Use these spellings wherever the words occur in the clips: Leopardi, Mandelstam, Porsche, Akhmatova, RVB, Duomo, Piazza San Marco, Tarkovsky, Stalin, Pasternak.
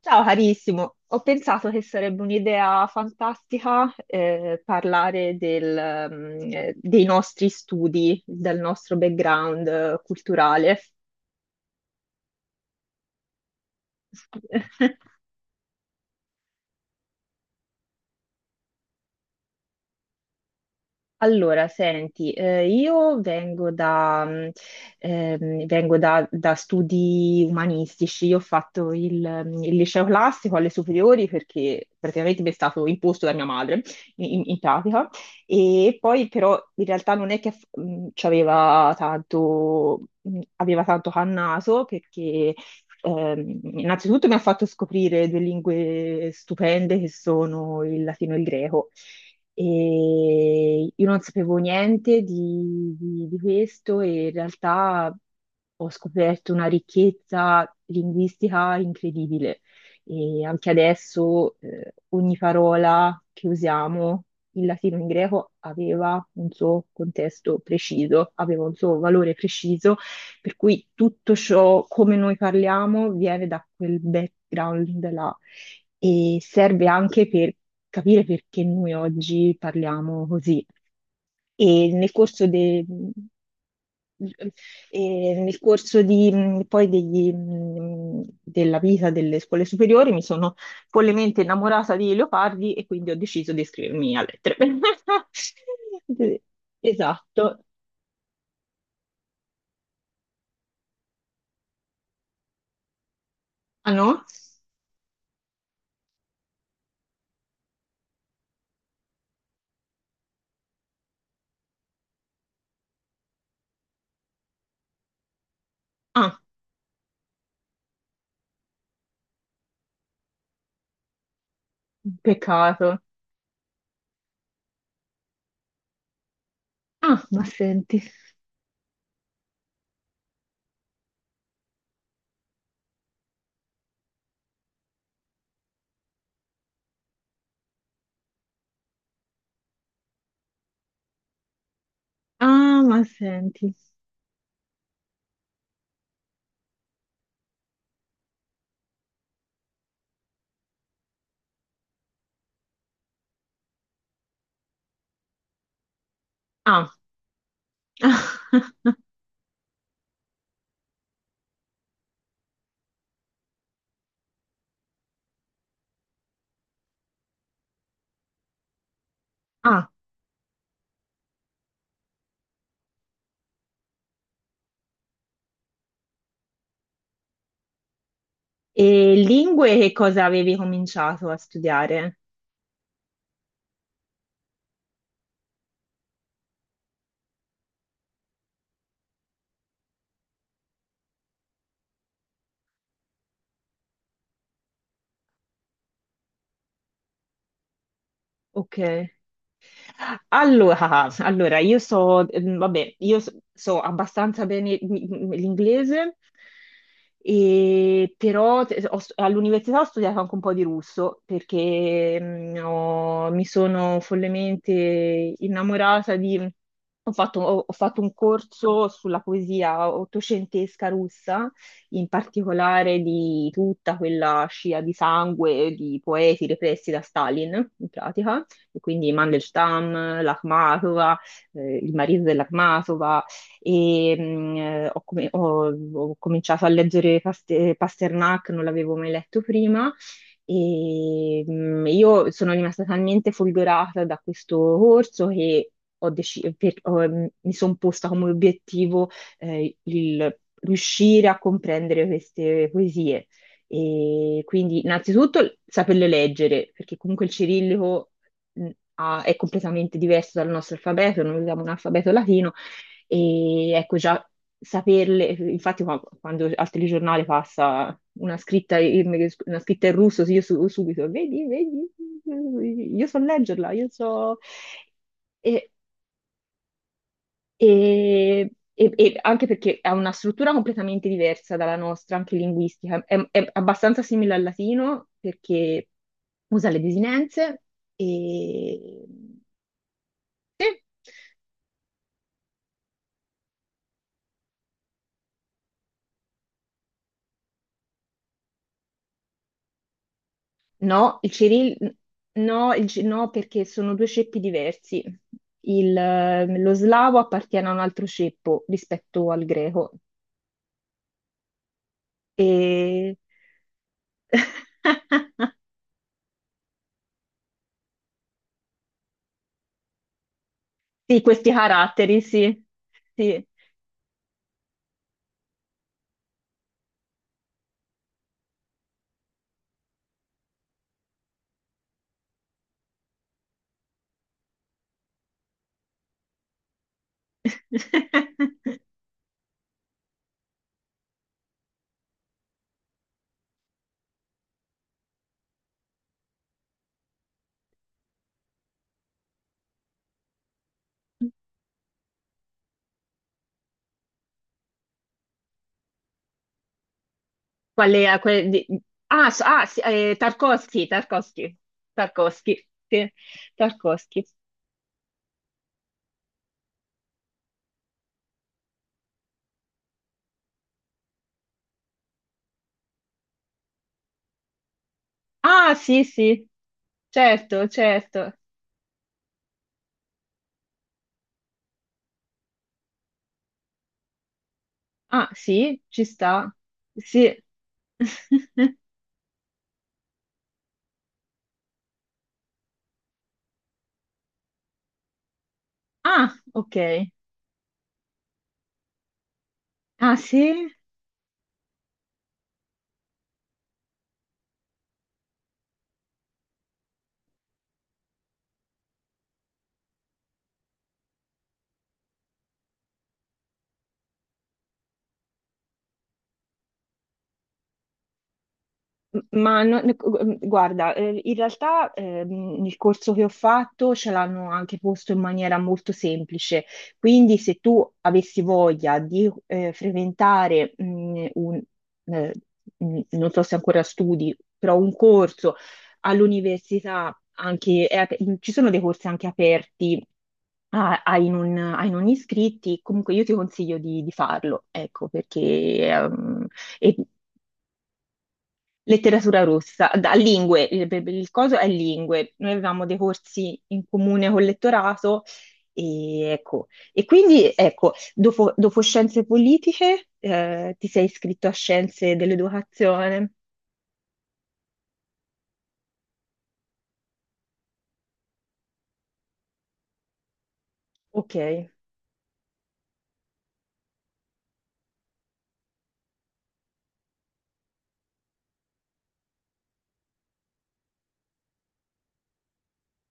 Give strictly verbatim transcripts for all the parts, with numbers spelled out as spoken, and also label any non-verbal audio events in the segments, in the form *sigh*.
Ciao carissimo, ho pensato che sarebbe un'idea fantastica eh, parlare del, mm, eh, dei nostri studi, del nostro background eh, culturale. *laughs* Allora, senti, eh, io vengo da, mh, ehm, vengo da- da studi umanistici, io ho fatto il, mh, il liceo classico alle superiori perché praticamente mi è stato imposto da mia madre, in, in pratica, e poi però in realtà non è che mh, ci aveva tanto, mh, aveva tanto cannato perché ehm, innanzitutto mi ha fatto scoprire due lingue stupende che sono il latino e il greco. E io non sapevo niente di, di- di questo e in realtà ho scoperto una ricchezza linguistica incredibile. E anche adesso, eh, ogni parola che usiamo in latino e in greco aveva un suo contesto preciso, aveva un suo valore preciso per cui tutto ciò, come noi parliamo, viene da quel background là e serve anche per capire perché noi oggi parliamo così. E nel corso, de- e nel corso di- poi degli- della vita delle scuole superiori mi sono follemente innamorata di leopardi e quindi ho deciso di iscrivermi a lettere. *laughs* Esatto. Ah no? Ah, peccato. Ah, ma senti. Ah, ma senti. Ah, *laughs* ah. E lingue che cosa avevi cominciato a studiare? Ok. Allora, *laughs* allora, io so, mm, vabbè, io so, so abbastanza bene mm, mm, l'inglese, e però te- ho st- all'università ho studiato anche un po' di russo perché mm, ho- mi sono follemente innamorata di... Ho fatto, ho- ho fatto un corso sulla poesia ottocentesca russa, in particolare di tutta quella scia di sangue di poeti repressi da Stalin, in pratica e quindi Mandelstam, l'Akhmatova, eh, il marito dell'Akhmatova, e mh, ho, com- ho- ho cominciato a leggere Paste- Pasternak, non l'avevo mai letto prima, e mh, io sono rimasta talmente folgorata da questo corso che ho deci- per- ho- mm, mi sono posta come obiettivo eh, il riuscire a comprendere queste poesie. E quindi innanzitutto saperle leggere, perché comunque il cirillico mh, ha- è completamente diverso dal nostro alfabeto, noi usiamo un alfabeto latino e ecco già saperle, infatti qua- quando al telegiornale passa una scritta in, una scritta in russo, sì, io su- subito, vedi, vedi, io so leggerla, io so... E, e- e- e anche perché ha una struttura completamente diversa dalla nostra, anche linguistica. È, è abbastanza simile al latino perché usa le desinenze e, no, il Cyril, no, il Ci- no, perché sono due ceppi diversi. Il, eh, lo slavo appartiene a un altro ceppo rispetto al greco. E... *laughs* Sì, questi caratteri, sì. Sì. *laughs* Qual è? que- di- Ah, so- ah, sì, eh, Tarkovsky, Tarkovsky, Tarkovsky, sì, Tarkovsky. Ah, sì, sì, certo, certo. Ah, sì, ci sta. Sì. *laughs* Ah, ok. Ah, sì? M- Ma non- guarda, eh, in realtà ehm, il corso che ho fatto ce l'hanno anche posto in maniera molto semplice, quindi se tu avessi voglia di eh, frequentare mh, un, eh, mh, non so se ancora studi, però un corso all'università, anche, è ap- ci sono dei corsi anche aperti ah, hai non, ai non iscritti, comunque io ti consiglio di, di farlo, ecco, perché ehm, e letteratura rossa, da, lingue, il, il coso è lingue, noi avevamo dei corsi in comune col lettorato e, ecco, e quindi ecco, dopo, dopo scienze politiche eh, ti sei iscritto a scienze dell'educazione, ok,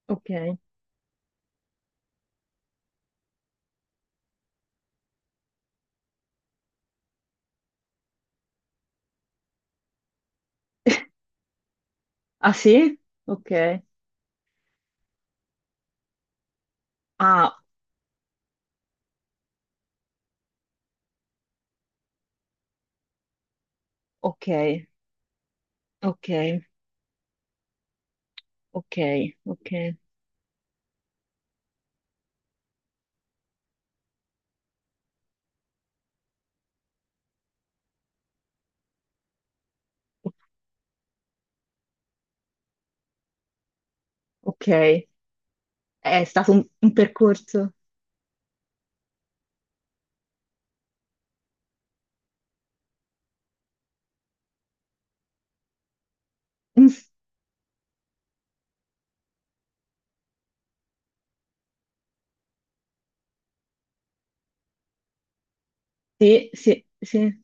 ok, *laughs* ah sì? Ok, ah, ok, ok, ok, ok, ok. Ok, è stato un, un percorso. Mm, sì, sì, sì.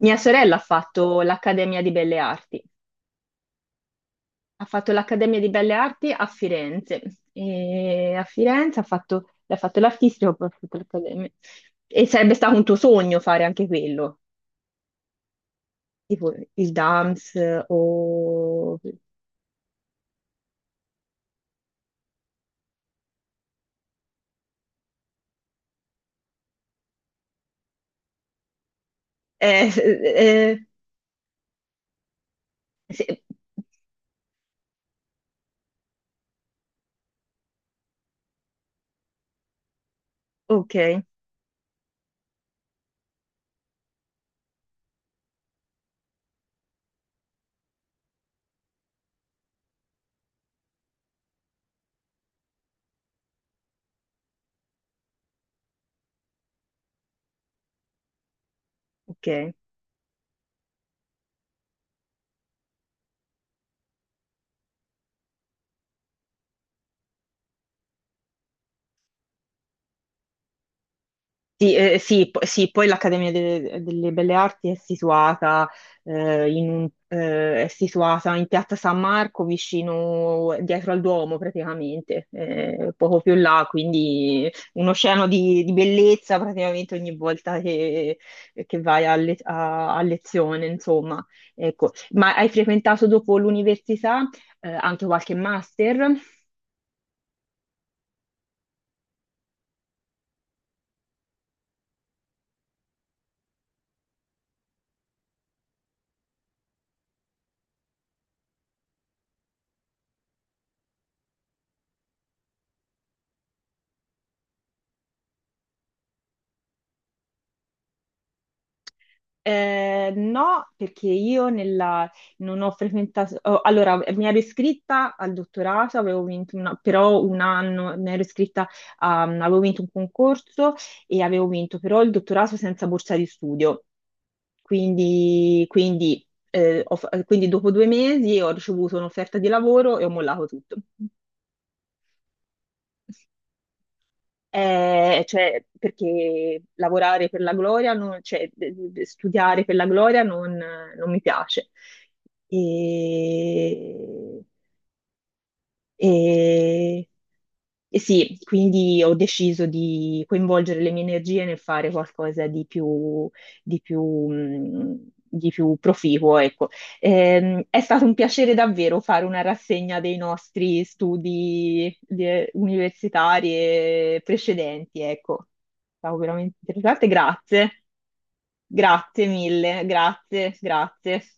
Mia sorella ha fatto l'Accademia di Belle Arti. Ha fatto l'Accademia di Belle Arti a Firenze. E a Firenze ha fatto, ha fatto l'artistico, poi ha fatto l'Accademia. E sarebbe stato un tuo sogno fare anche quello, tipo il dance o... Eh, eh, eh, sì. Ok, ok. Sì, eh, sì, po- sì, poi l'Accademia de- delle Belle Arti è situata, eh, in un- eh, è situata in Piazza San Marco, vicino, dietro al Duomo praticamente, eh, poco più là, quindi un oceano di, di bellezza praticamente ogni volta che, che vai a, le- a- a lezione, insomma. Ecco. Ma hai frequentato dopo l'università, eh, anche qualche master? Eh, no, perché io nella- non ho frequentato, oh, allora mi ero iscritta al dottorato, avevo vinto una- però un anno mi ero iscritta, a- avevo vinto un concorso e avevo vinto però il dottorato senza borsa di studio, quindi, quindi, eh, ho fa- quindi dopo due mesi ho ricevuto un'offerta di lavoro e ho mollato tutto. Eh, cioè, perché lavorare per la gloria, non- cioè, de- de- studiare per la gloria non, non mi piace. E, e- e sì, quindi ho deciso di coinvolgere le mie energie nel fare qualcosa di più, di più, mh, di più proficuo, ecco. Ehm, è stato un piacere davvero fare una rassegna dei nostri studi di- universitari e precedenti, ecco. È stato veramente interessante, grazie, grazie mille, grazie, grazie.